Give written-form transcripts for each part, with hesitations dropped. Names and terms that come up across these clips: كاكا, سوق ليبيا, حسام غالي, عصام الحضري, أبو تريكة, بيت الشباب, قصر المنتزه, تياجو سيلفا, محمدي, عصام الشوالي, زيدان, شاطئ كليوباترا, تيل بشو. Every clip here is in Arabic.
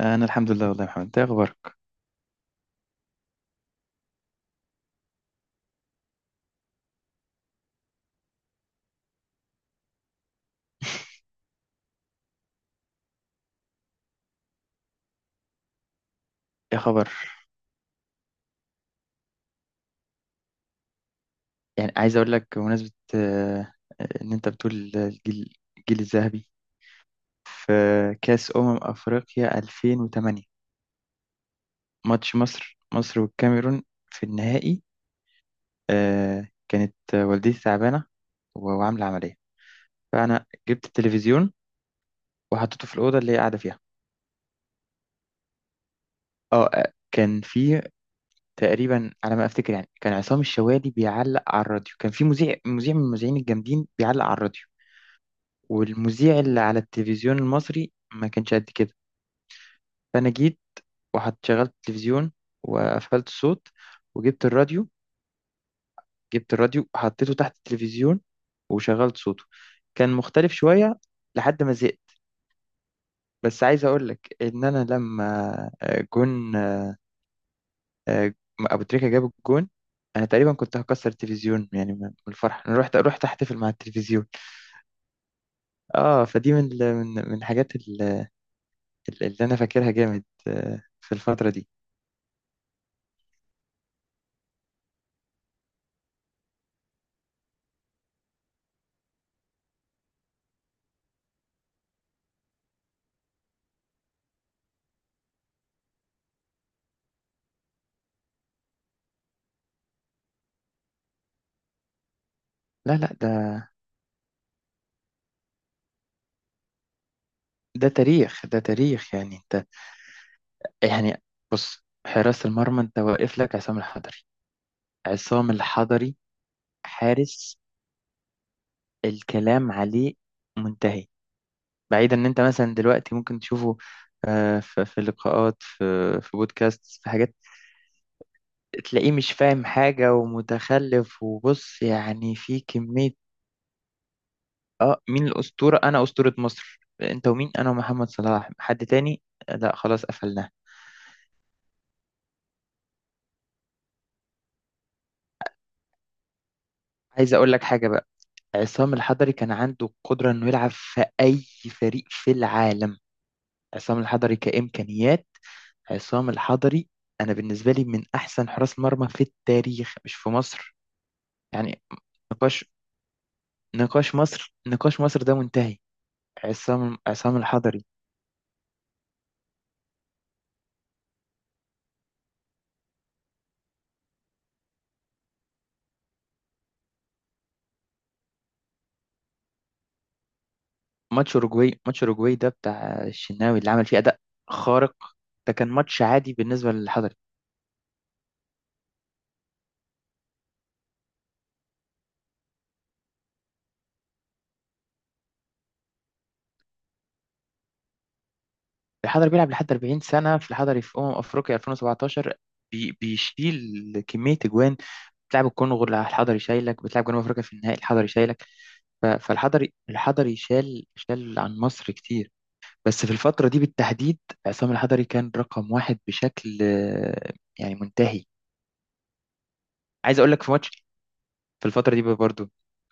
انا الحمد لله. والله يا محمد، انت إيه اخبارك؟ ايه خبر؟ يعني عايز اقول لك بمناسبه ان انت بتقول الجيل الذهبي في كاس افريقيا 2008، ماتش مصر والكاميرون في النهائي. كانت والدتي تعبانه و- وعامله عمليه. فانا جبت التلفزيون وحطيته في الاوضه اللي هي قاعده فيها. كان في تقريبا على ما افتكر يعني كان عصام الشوالي بيعلق على الراديو. كان في مذيع من المذيعين الجامدين بيعلق على الراديو، والمذيع اللي على التلفزيون المصري ما كانش قد كده. فأنا جيت وحط شغلت التلفزيون، وقفلت الصوت، وجبت الراديو جبت الراديو وحطيته تحت التلفزيون وشغلت صوته. كان مختلف شوية لحد ما زهقت. بس عايز أقول لك إن أنا لما جون، آه، أبو تريكة جاب الجون، أنا تقريبا كنت هكسر التلفزيون يعني من الفرح. أنا رحت أحتفل مع التلفزيون. آه، فدي من من الحاجات اللي أنا فاكرها جامد في الفترة دي. لا لا ده ده تاريخ، ده تاريخ. يعني انت، يعني بص، حراسة المرمى انت واقف لك عصام الحضري. عصام الحضري حارس الكلام عليه منتهي. بعيدا ان انت مثلا دلوقتي ممكن تشوفه في لقاءات، في في بودكاست، في حاجات. تلاقيه مش فاهم حاجة ومتخلف، وبص يعني في كمية. اه، مين الأسطورة؟ انا أسطورة مصر. انت ومين؟ انا ومحمد صلاح، حد تاني؟ لا خلاص قفلناه. عايز اقول لك حاجة بقى، عصام الحضري كان عنده القدرة إنه يلعب في أي فريق في العالم. عصام الحضري كإمكانيات، عصام الحضري أنا بالنسبة لي من أحسن حراس مرمى في التاريخ، مش في مصر يعني. نقاش، نقاش مصر، نقاش مصر ده منتهي. عصام الحضري. ماتش أوروجواي ده بتاع الشناوي اللي عمل فيه أداء خارق، ده كان ماتش عادي بالنسبة للحضري. الحضري بيلعب لحد 40 سنة. في الحضري في أمم أفريقيا 2017 بيشيل كمية أجوان. بتلعب الكونغو، الحضري شايلك. بتلعب جنوب افريقيا في النهائي، الحضري شايلك. ف- فالحضري، الحضري شال شال عن مصر كتير. بس في الفترة دي بالتحديد عصام الحضري كان رقم واحد، بشكل يعني منتهي. عايز اقول لك في ماتش في الفترة دي برضو،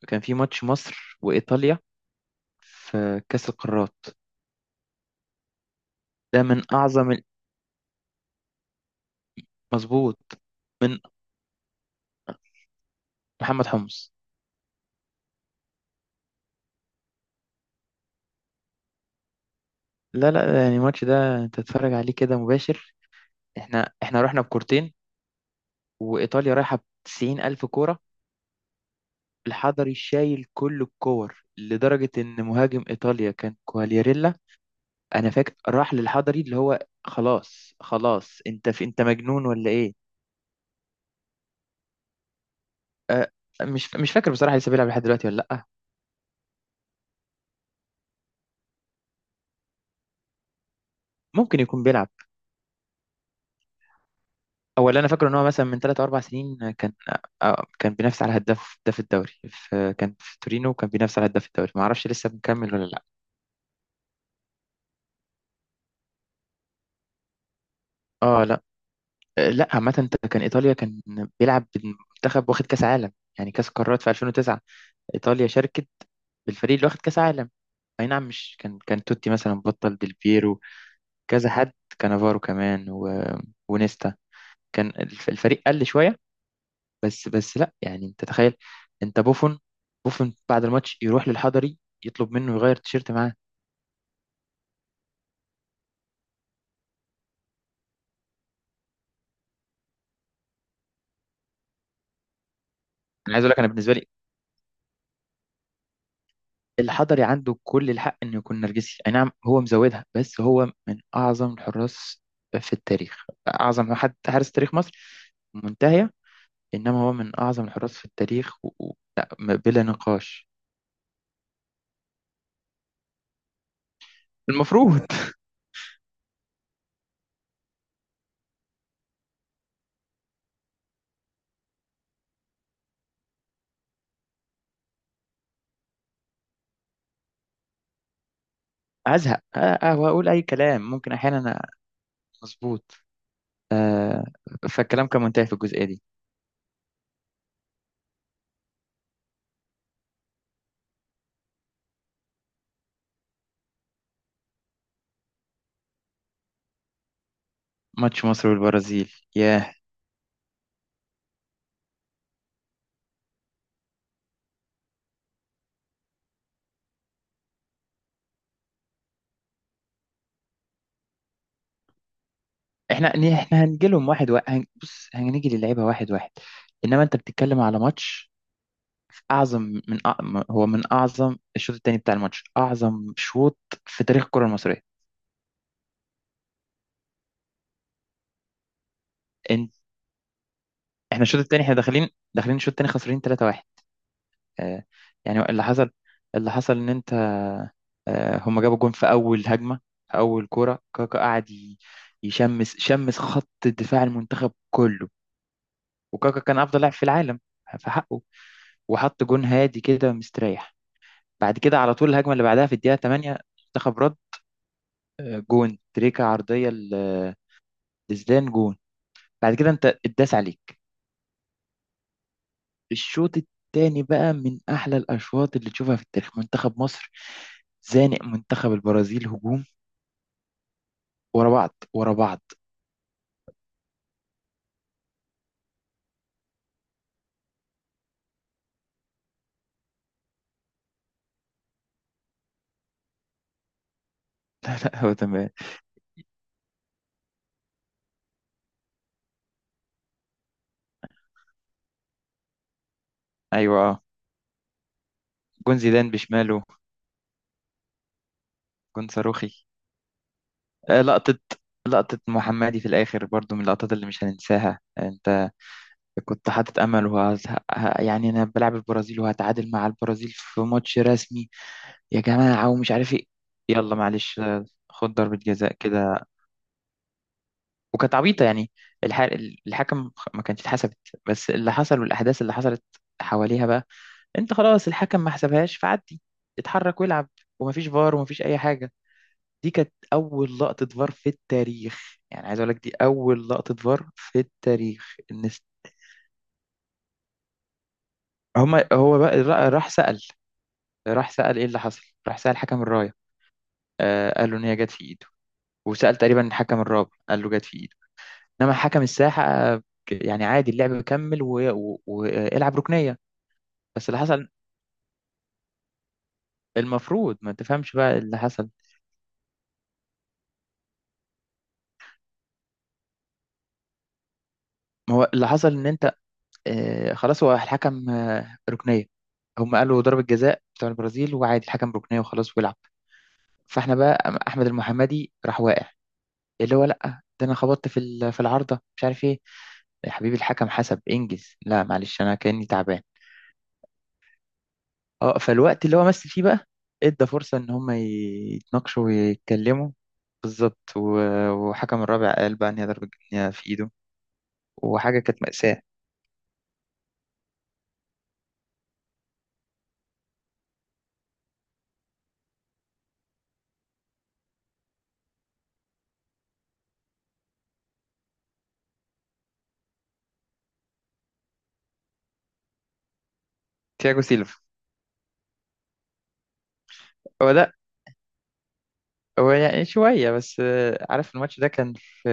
كان في ماتش مصر وإيطاليا في كأس القارات. ده من أعظم مظبوط. من محمد حمص، لا لا. يعني الماتش ده انت تتفرج عليه كده مباشر. احنا رحنا بكورتين، وإيطاليا رايحة بتسعين ألف كورة. الحضري شايل كل الكور لدرجة إن مهاجم إيطاليا كان كوالياريلا. أنا فاكر راح للحضري، اللي هو خلاص خلاص أنت في، أنت مجنون ولا إيه؟ أه، مش فاكر بصراحة لسه بيلعب لحد دلوقتي ولا لأ. ممكن يكون بيلعب، أو اللي أنا فاكره إن هو مثلا من ثلاث أو أربع سنين كان كان بينافس على هداف الدوري. في كان في تورينو وكان بينافس على هداف الدوري، ما اعرفش لسه مكمل ولا لا. اه. لا. لا عامه انت، كان ايطاليا كان بيلعب بالمنتخب واخد كاس عالم يعني، كاس قارات في 2009. ايطاليا شاركت بالفريق اللي واخد كاس عالم. اي نعم، مش كان توتي مثلا، بطل ديل بيرو، كذا حد، كانافارو كمان، و... ونيستا كان الفريق قل شويه. بس بس لا يعني انت تخيل، انت بوفون، بعد الماتش يروح للحضري يطلب منه يغير تيشيرت معاه. انا عايز اقول لك، انا بالنسبه لي الحضري عنده كل الحق انه يكون نرجسي، اي نعم هو مزودها، بس هو من اعظم الحراس في التاريخ. اعظم حد، حارس تاريخ مصر منتهيه، انما هو من اعظم الحراس في التاريخ. لا بلا نقاش. المفروض ازهق أه، واقول اي كلام ممكن احيانا مظبوط. أه، فالكلام كان منتهي في الجزئيه دي. ماتش مصر والبرازيل، ياه. احنا احنا هنجي لهم واحد واحد، بص هنيجي للعيبه واحد واحد. انما انت بتتكلم على ماتش اعظم، من أع... هو من اعظم، الشوط الثاني بتاع الماتش اعظم شوط في تاريخ الكره المصريه. إن... احنا الشوط الثاني احنا داخلين، داخلين الشوط الثاني خسرانين 3-1. آه، يعني اللي حصل، اللي حصل ان انت آه، هما جابوا جون في اول هجمه، في اول كوره كاكا قعد يشمس، شمس خط دفاع المنتخب كله. وكاكا كان افضل لاعب في العالم في حقه، وحط جون هادي كده مستريح. بعد كده على طول الهجمه اللي بعدها في الدقيقه 8 منتخب رد. جون تريكا عرضيه لزدان جون. بعد كده انت اتداس عليك. الشوط التاني بقى من احلى الاشواط اللي تشوفها في التاريخ. منتخب مصر زانق منتخب البرازيل هجوم ورا بعض، ورا بعض. لا هو تمام. ايوه أه. جون زيدان بشماله، جون صاروخي. لقطة، لقطة محمدي في الآخر برضو من اللقطات اللي مش هننساها. أنت كنت حاطط أمل يعني أنا بلعب البرازيل وهتعادل مع البرازيل في ماتش رسمي يا جماعة، ومش عارف إيه. يلا معلش خد ضربة جزاء كده، وكانت عبيطة يعني. الح... الحكم ما كانتش اتحسبت، بس اللي حصل والأحداث اللي حصلت حواليها بقى. انت خلاص الحكم ما حسبهاش فعدي، اتحرك والعب، ومفيش فار ومفيش اي حاجه. دي كانت اول لقطه فار في التاريخ. يعني عايز اقول لك دي اول لقطه فار في التاريخ. هما، راح سأل، راح سأل ايه اللي حصل. راح سأل حكم الرايه، آه قال له ان هي جت في ايده. وسأل تقريبا الحكم الرابع قال له جت في ايده، انما حكم الساحه يعني عادي اللعب كمل والعب ركنيه. بس اللي حصل، المفروض ما تفهمش بقى اللي حصل. ما هو اللي حصل ان انت خلاص هو الحكم ركنيه. هم قالوا ضربة جزاء بتاع البرازيل، وعادي الحكم ركنيه وخلاص ويلعب. فاحنا بقى، احمد المحمدي راح واقع، اللي هو لا ده انا خبطت في في العارضه مش عارف ايه. يا حبيبي الحكم حسب انجز، لا معلش انا كاني تعبان. اه، فالوقت اللي هو مثل فيه بقى، ادى فرصه ان هم يتناقشوا ويتكلموا. بالظبط. و- وحكم الرابع قال بقى ان هي ضربه جزاء في ايده، وحاجه كانت مأساة. تياجو سيلفا، هو ده. هو يعني شوية بس. عارف الماتش ده كان في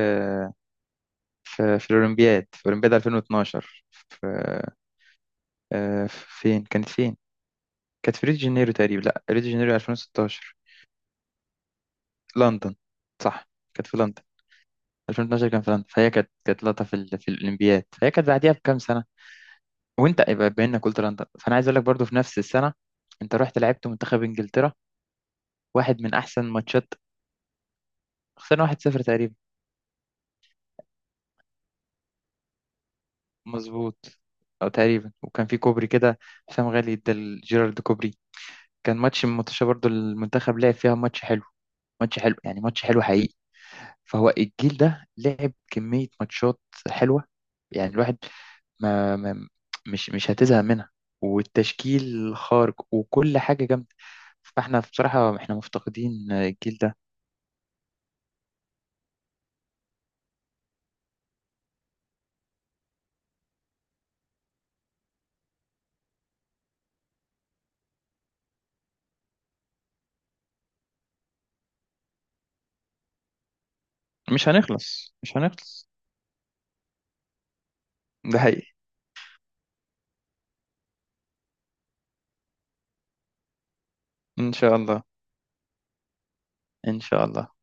في الأولمبياد، في أولمبياد 2012. في آه، فين كانت فين؟ كانت في ريو دي جانيرو تقريبا. لا، ريو دي جانيرو 2016. لندن؟ صح، كانت في لندن. 2012 كان في لندن، فهي كانت، كانت لقطة في الأولمبياد، فهي كانت بعديها بكام سنة. وأنت يبقى بما إنك قلت لندن، فأنا عايز أقول لك برضو في نفس السنة أنت رحت لعبت منتخب إنجلترا، واحد من أحسن ماتشات. خسرنا 1-0 تقريبا. مظبوط. اه تقريبا، وكان في كوبري كده، حسام غالي ادى لجيرارد كوبري. كان ماتش من ماتش برضو، المنتخب لعب فيها ماتش حلو، يعني ماتش حلو حقيقي. فهو الجيل ده لعب كمية ماتشات حلوة، يعني الواحد ما, ما مش مش هتزهق منها. والتشكيل خارج وكل حاجة جامدة. فاحنا بصراحة احنا مفتقدين الجيل ده. مش هنخلص، ده حقيقي. ان شاء الله، ان شاء الله.